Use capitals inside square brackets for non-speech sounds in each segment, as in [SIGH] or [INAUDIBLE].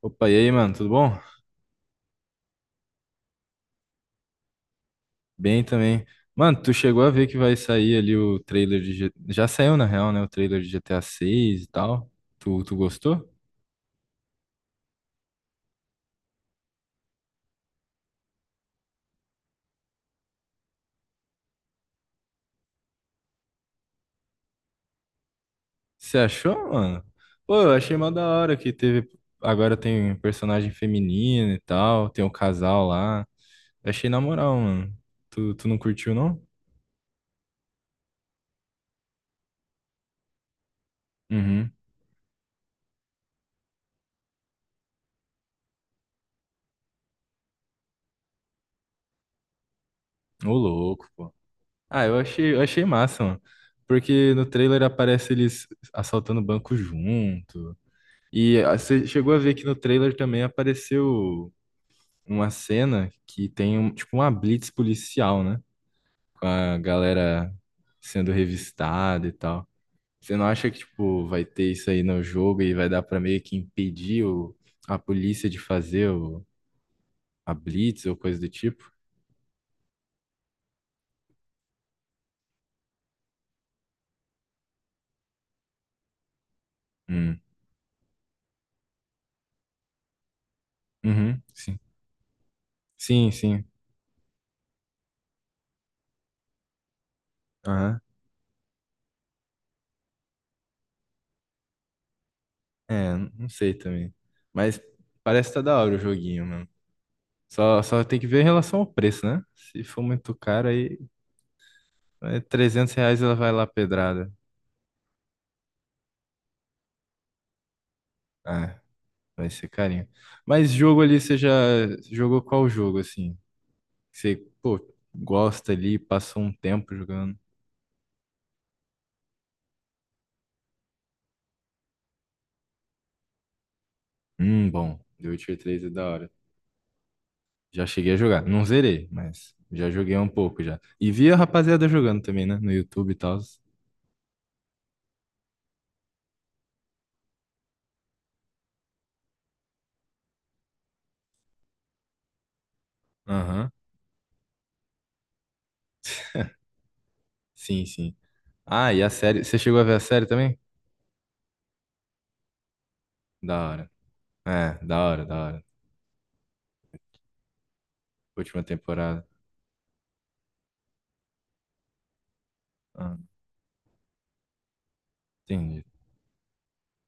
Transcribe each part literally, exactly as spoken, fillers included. Opa, e aí, mano, tudo bom? Bem também. Mano, tu chegou a ver que vai sair ali o trailer de, G- já saiu, na real, né? O trailer de G T A seis e tal. Tu, tu gostou? Você achou, mano? Pô, eu achei mó da hora que teve. Agora tem personagem feminino e tal, tem um casal lá. Achei na moral, mano. Tu, tu não curtiu, não? Uhum. Ô, louco, pô. Ah, eu achei, eu achei massa, mano. Porque no trailer aparece eles assaltando o banco junto. E ah, você chegou a ver que no trailer também apareceu uma cena que tem um, tipo uma blitz policial, né? Com a galera sendo revistada e tal. Você não acha que tipo vai ter isso aí no jogo e vai dar pra meio que impedir o, a polícia de fazer o, a blitz ou coisa do tipo? Hum. Uhum, sim. Sim, sim. Aham. É, não sei também. Mas parece que tá da hora o joguinho, mano. Só, só tem que ver em relação ao preço, né? Se for muito caro, aí. É trezentos reais, ela vai lá pedrada. Ah, vai ser carinho. Mas jogo ali, você já jogou qual jogo, assim? Você, pô, gosta ali, passou um tempo jogando. Hum, bom, The Witcher três é da hora. Já cheguei a jogar. Não zerei, mas já joguei um pouco já. E vi a rapaziada jogando também, né? No YouTube e tal. Aham. Sim, sim. Ah, e a série. Você chegou a ver a série também? Da hora. É, da hora, da hora. Última temporada. Ah, entendi.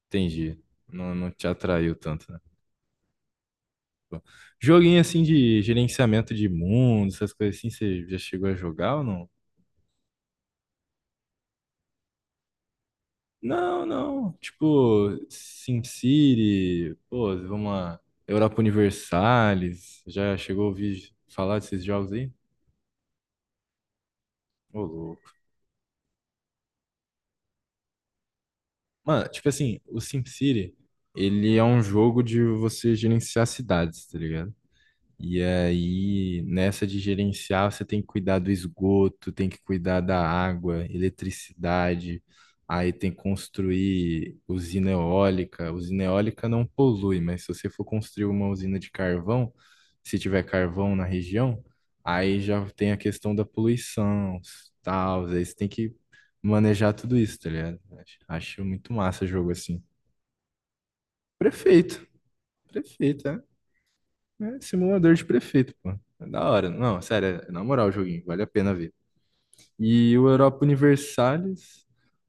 Entendi. Não, não te atraiu tanto. Joguinho assim de gerenciamento de mundo, essas coisas assim, você já chegou a jogar ou não? Não, não. Tipo, SimCity, pô, vamos lá. Europa Universalis, já chegou a ouvir falar desses jogos aí? Ô, louco. Mano, tipo assim, o SimCity, ele é um jogo de você gerenciar cidades, tá ligado? E aí, nessa de gerenciar, você tem que cuidar do esgoto, tem que cuidar da água, eletricidade, aí tem que construir usina eólica. Usina eólica não polui, mas se você for construir uma usina de carvão, se tiver carvão na região, aí já tem a questão da poluição, tal, aí você tem que manejar tudo isso, tá ligado? Acho acho muito massa jogo assim. Prefeito, prefeito, é. É simulador de prefeito, pô. É da hora. Não, sério, é na moral o joguinho, vale a pena ver. E o Europa Universalis,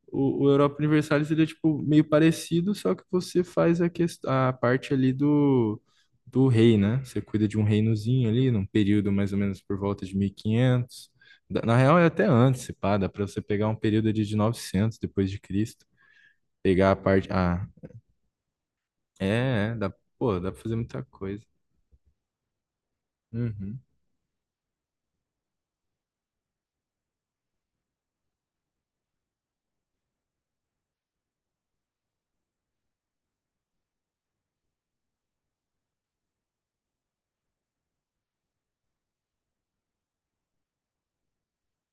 o, o Europa Universalis ele é tipo meio parecido, só que você faz a, quest- a parte ali do, do rei, né? Você cuida de um reinozinho ali, num período mais ou menos por volta de mil e quinhentos. Da- Na real é até antes, se pá, dá pra você pegar um período ali de novecentos depois de Cristo, pegar a parte. Ah, é, é, dá, pô, dá pra fazer muita coisa. Uhum,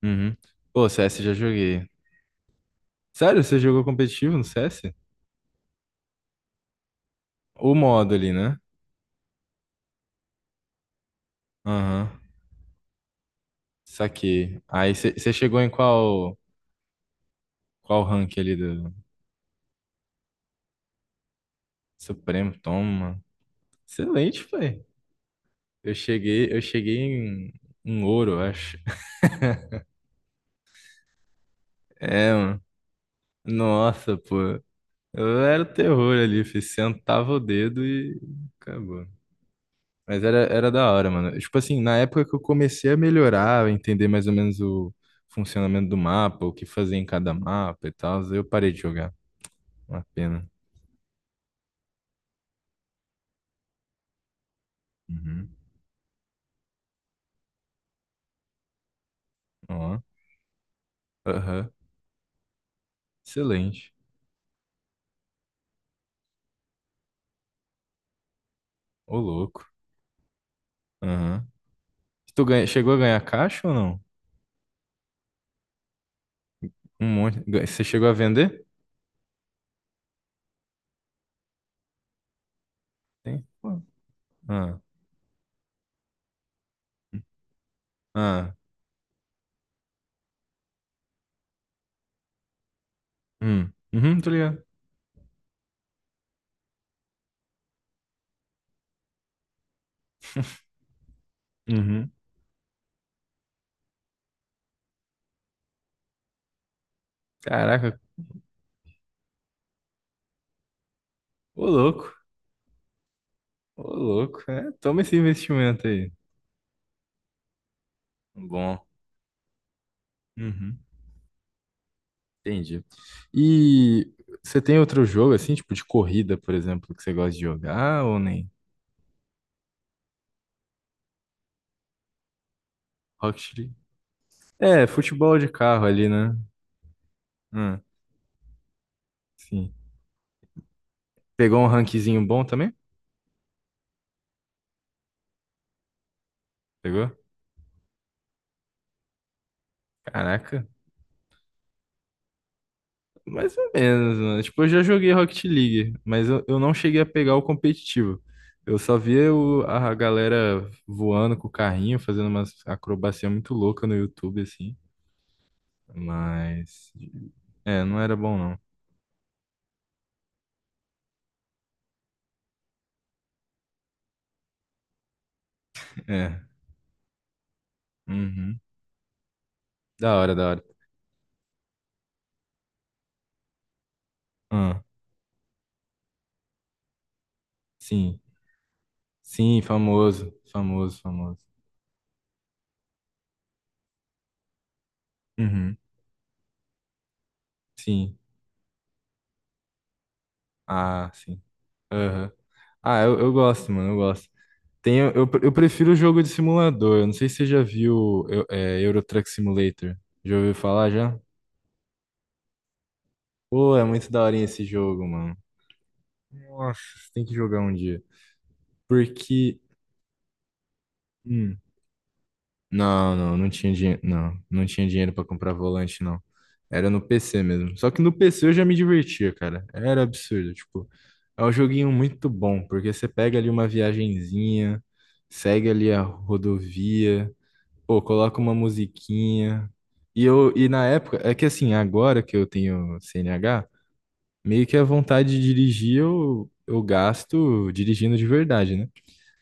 uhum. Pô, C S já joguei. Sério, você jogou competitivo no C S? O modo ali, né? Aham. Saquei. Aí você você chegou em qual qual rank ali do Supremo? Toma. Excelente, foi. Eu cheguei, eu cheguei em, em ouro, eu acho. [LAUGHS] É, mano. Nossa, pô. Eu era o terror ali, fiz, sentava o dedo e acabou. Mas era, era da hora, mano. Tipo assim, na época que eu comecei a melhorar, a entender mais ou menos o funcionamento do mapa, o que fazer em cada mapa e tal, eu parei de jogar. Uma pena. Uhum. Ó. Aham. Excelente. Ô, louco. Aham. Tu ganha, chegou a ganhar caixa ou não? Um monte. Ga- Você chegou a vender? Tem? Pô. Ah. Ah. Hum. Uhum, tô ligado. Uhum. Caraca. Ô, louco. Ô, louco. É, toma esse investimento aí. Bom. Uhum. Entendi. E você tem outro jogo, assim, tipo de corrida, por exemplo, que você gosta de jogar ou nem? Rocket League? É, futebol de carro ali, né? Ah, sim. Pegou um rankzinho bom também? Pegou? Caraca, mais ou menos, mano. Tipo, eu já joguei Rocket League, mas eu, eu não cheguei a pegar o competitivo. Eu só via o- a galera voando com o carrinho, fazendo umas acrobacia muito louca no YouTube, assim. Mas. É, não era bom, não. É. Uhum. Da hora, da hora. Ah, sim. Sim, famoso. Famoso, famoso. Uhum. Sim. Ah, sim. Aham. Ah, eu, eu gosto, mano, eu gosto. Tem, eu, eu, eu prefiro o jogo de simulador. Eu não sei se você já viu eu- é, Euro Truck Simulator. Já ouviu falar já? Pô, é muito daorinha esse jogo, mano. Nossa, você tem que jogar um dia. Porque. hum, não, não, não tinha dinheiro. Não, não tinha dinheiro pra comprar volante, não. Era no P C mesmo. Só que no P C eu já me divertia, cara. Era absurdo. Tipo, é um joguinho muito bom, porque você pega ali uma viagenzinha, segue ali a rodovia. Pô, coloca uma musiquinha. E eu, e na época, é que assim, agora que eu tenho C N H, meio que a vontade de dirigir eu, eu gasto dirigindo de verdade, né?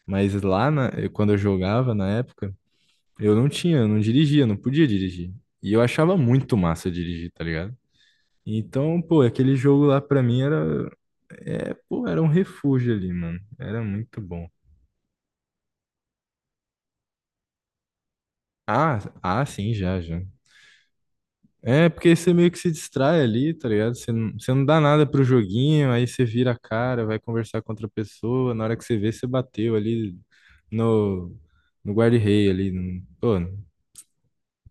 Mas lá na, eu- quando eu jogava na época, eu não tinha, eu não dirigia, eu não podia dirigir. E eu achava muito massa dirigir, tá ligado? Então, pô, aquele jogo lá pra mim era, é, pô, era um refúgio ali, mano. Era muito bom. Ah, ah, sim, já, já. É, porque você meio que se distrai ali, tá ligado? Você não, você não dá nada pro joguinho, aí você vira a cara, vai conversar com outra pessoa. Na hora que você vê, você bateu ali no, no guarda-rei ali. no- Pô,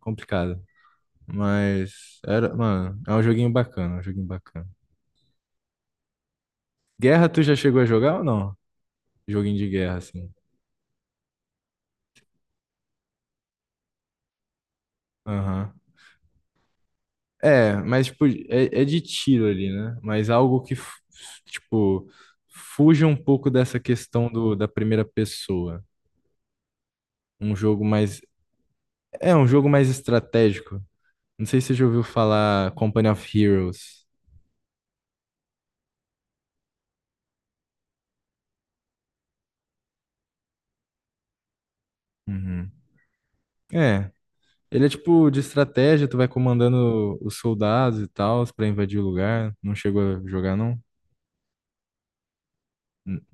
complicado. Mas era, mano, é um joguinho bacana, é um joguinho bacana. Guerra, tu já chegou a jogar ou não? Joguinho de guerra, assim. Aham. É, mas tipo, é, é de tiro ali, né? Mas algo que, f- tipo, fuja um pouco dessa questão do, da primeira pessoa. Um jogo mais. É, um jogo mais estratégico. Não sei se você já ouviu falar Company of Heroes. Uhum. É. Ele é tipo de estratégia, tu vai comandando os soldados e tal pra invadir o lugar. Não chegou a jogar, não? N-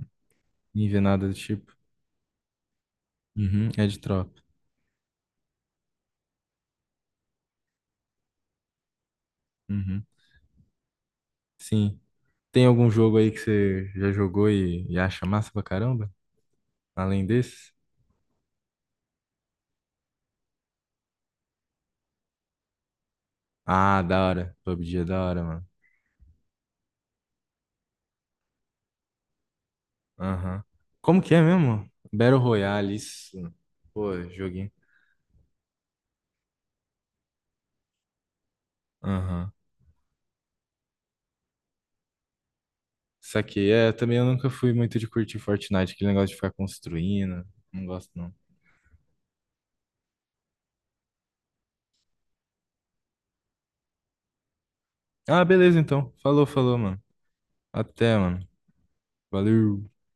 Nem ver nada do tipo. Uhum, é de tropa. Uhum. Sim. Tem algum jogo aí que você já jogou e, e acha massa pra caramba? Além desse? Ah, da hora. PUBG é da hora, mano. Aham. Como que é mesmo? Battle Royale, isso. Pô, joguinho. Aham. Saquei. É, também eu nunca fui muito de curtir Fortnite, aquele negócio de ficar construindo. Não gosto, não. Ah, beleza, então. Falou, falou, mano. Até, mano. Valeu.